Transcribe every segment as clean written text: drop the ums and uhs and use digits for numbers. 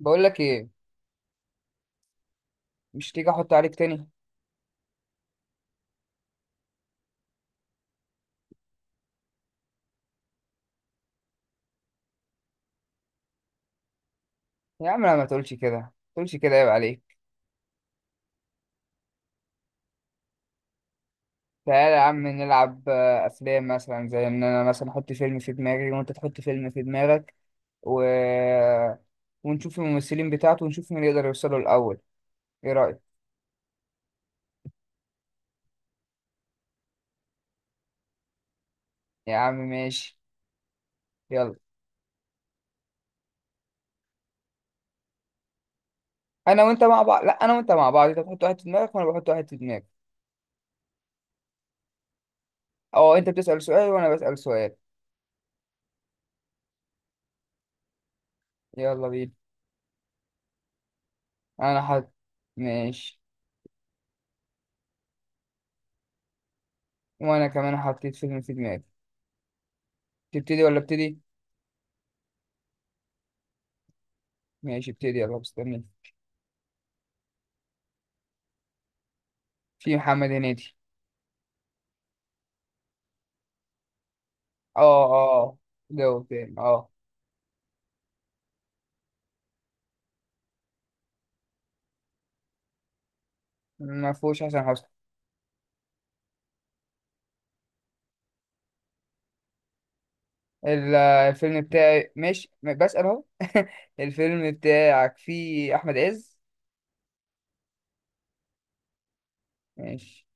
بقول لك ايه، مش تيجي احط عليك تاني؟ يا عم لا، ما تقولش كده، ما تقولش كده، عيب عليك. تعالى يا عم نلعب افلام مثلا، زي ان انا مثلا احط فيلم في دماغي وانت تحط فيلم في دماغك و... ونشوف الممثلين بتاعته ونشوف مين يقدر يوصله الاول. ايه رايك؟ يا عم ماشي، يلا. انا وانت مع بعض، لا، انا وانت مع بعض، انت بتحط واحد في دماغك وانا بحط واحد في دماغي. او انت بتسال سؤال وانا بسال سؤال. يلا بينا. انا حط. ماشي. وانا كمان حطيت فيلم في دماغي. تبتدي ولا ابتدي؟ ماشي ابتدي، يلا مستني. في محمد هنيدي. اه. اه. جو تاني. اه. ما فيهوش حسن حسني. الفيلم بتاعي ماشي، بسأل اهو. الفيلم بتاعك فيه احمد عز؟ ماشي.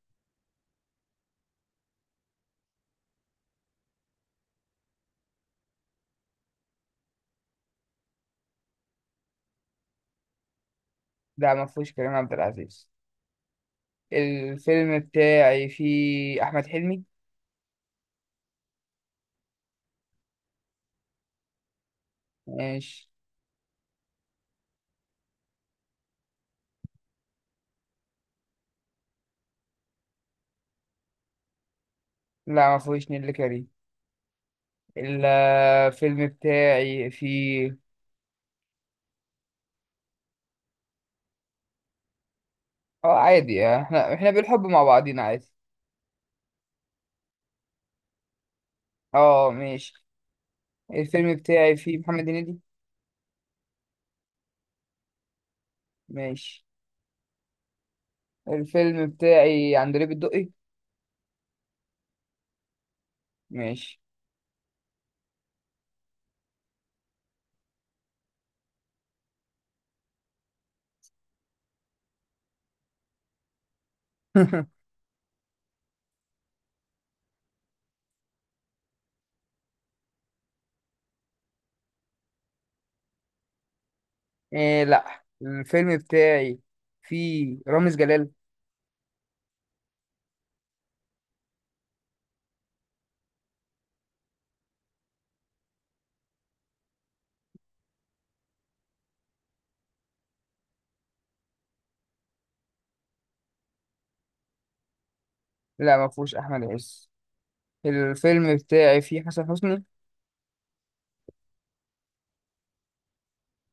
لا، ما فيهوش كريم عبد العزيز. الفيلم بتاعي فيه احمد حلمي. ماشي. لا، ما فيهوش نيللي كريم. الفيلم بتاعي فيه. اه، عادي. احنا بالحب مع بعضينا عادي. اه ماشي. الفيلم بتاعي فيه محمد هنيدي. ماشي. الفيلم بتاعي عندليب الدقي. ماشي. إيه لا، الفيلم بتاعي فيه رامز جلال. لا، ما فيهوش احمد عز. الفيلم بتاعي فيه حسن حسني.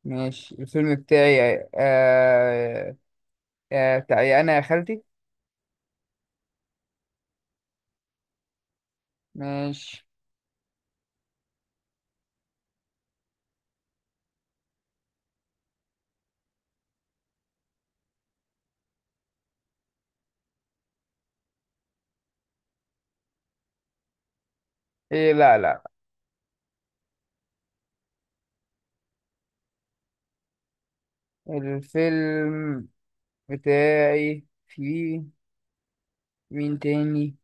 ماشي. الفيلم بتاعي بتاعي انا يا خالتي. ماشي. إيه لا، لا. الفيلم بتاعي فيه مين تاني؟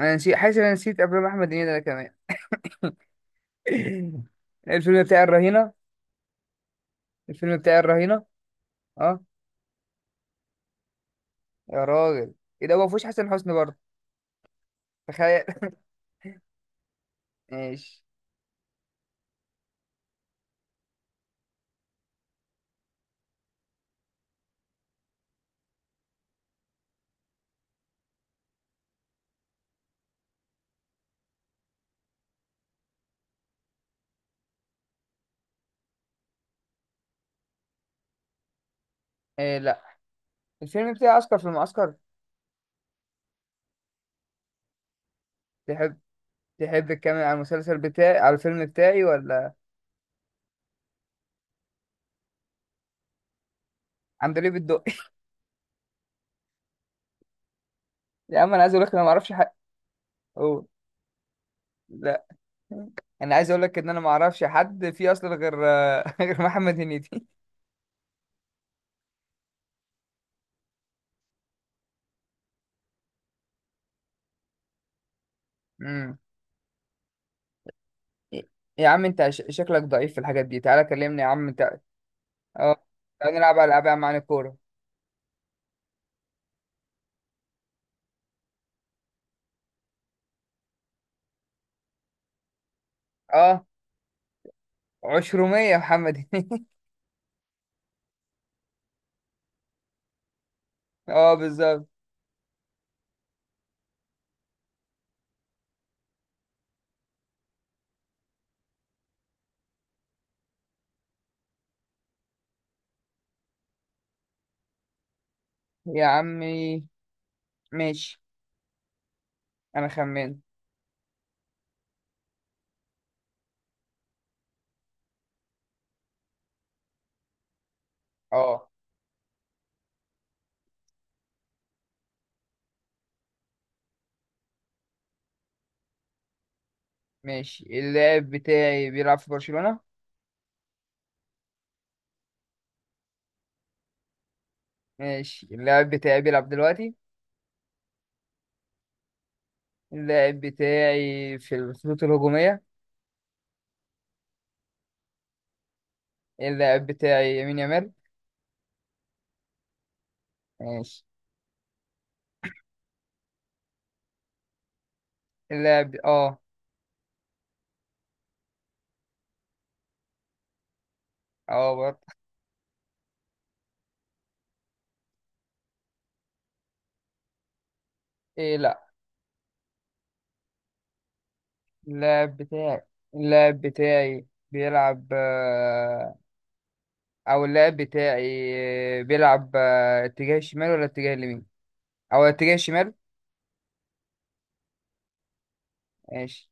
انا نسيت، حاسس إن انا نسيت افلام احمد هنيدي انا كمان. الفيلم بتاعي الرهينة. الفيلم بتاعي الرهينة. اه. يا راجل، ايه ده؟ هو مفيهوش حسن حسني برضه؟ تخيل. ماشي. إيه لا، الفيلم بتاعي عسكر في المعسكر. تحب تحب تكمل على المسلسل بتاعي على الفيلم بتاعي ولا؟ عندليب الدقي. يا عم انا عايز اقول لك انا ما اعرفش حد. أوه. لا، انا عايز اقول لك ان انا ما اعرفش حد فيه اصلا غير. غير محمد هنيدي. امم. يا عم انت شكلك ضعيف في الحاجات دي. تعالى كلمني يا عم انت. اه، تعالى نلعب على العاب يا عم عن الكوره. اه، عشرمية يا محمد هنيدي. اه بالظبط. يا عمي ماشي، انا خمنت. اه ماشي. اللاعب بتاعي بيلعب في برشلونة. ماشي. اللاعب بتاعي بيلعب دلوقتي. اللاعب بتاعي في الخطوط الهجومية. اللاعب بتاعي يمين يامال. ماشي. اه. اه برضه. ايه لا. اللاعب بتاعي اللاعب بتاعي بيلعب او اللاعب بتاعي بيلعب اتجاه الشمال ولا اتجاه اليمين؟ او اتجاه الشمال. ماشي.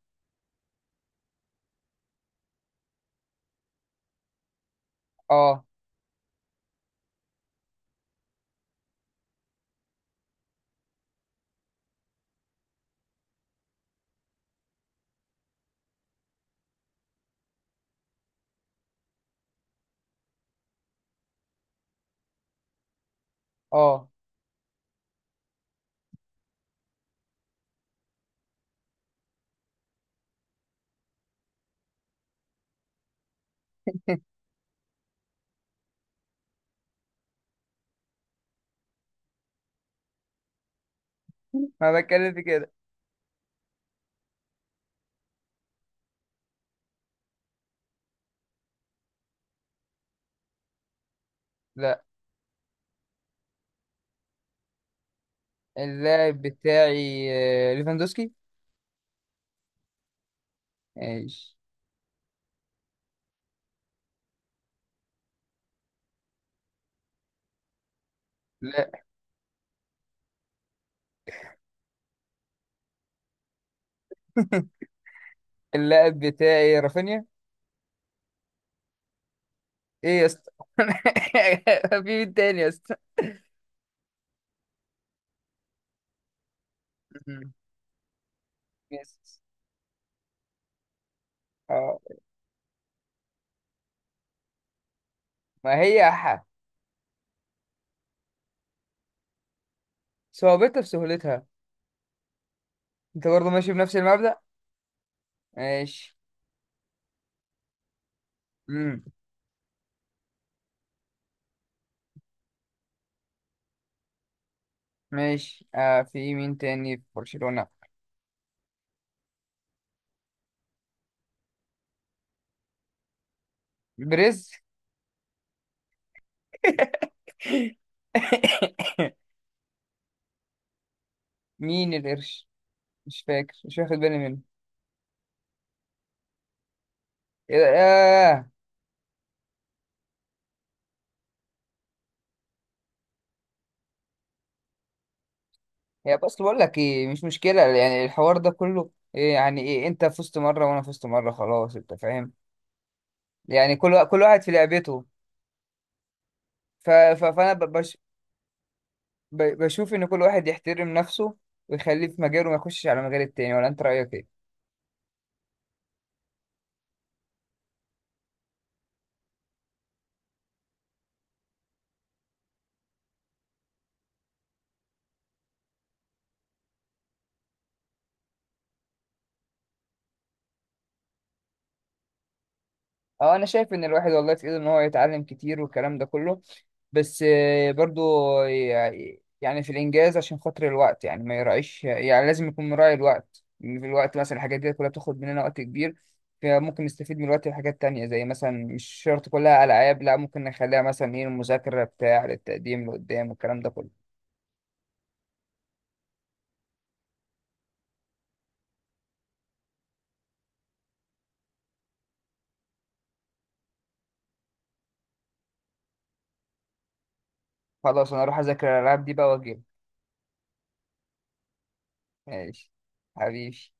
اه. اه. ما بتكلم في كده. اللاعب بتاعي ليفاندوسكي. ماشي. لا. اللاعب بتاعي رافينيا. ايه يا اسطى. في مين تاني يا اسطى؟ مم. يس. اه. ما هي صعوبتها في سهولتها. انت برضه ماشي بنفس المبدأ. ماشي. امم. ماشي في مين تاني في برشلونة؟ بريز. مين القرش؟ مش فاكر، مش واخد بالي منه. إيه ده؟ هي بس بقول لك ايه، مش مشكلة يعني الحوار ده كله. إيه يعني ايه؟ انت فزت مرة وانا فزت مرة، خلاص. انت فاهم؟ يعني كل كل واحد في لعبته. فانا بشوف ان كل واحد يحترم نفسه، ويخليه في مجاله، ما يخشش على مجال التاني، ولا انت رأيك ايه؟ اه، انا شايف ان الواحد والله في ايده ان هو يتعلم كتير والكلام ده كله. بس برضو، يعني في الإنجاز عشان خاطر الوقت، يعني ما يراعيش، يعني لازم يكون مراعي الوقت، إن في الوقت مثلا الحاجات دي كلها بتاخد مننا وقت كبير. فممكن نستفيد من الوقت في حاجات تانية، زي مثلا مش شرط كلها ألعاب، لا ممكن نخليها مثلا إيه المذاكرة بتاع للتقديم لقدام والكلام ده كله. خلاص، أنا أروح أذاكر الألعاب دي بقى وأجيب. ماشي حبيبي.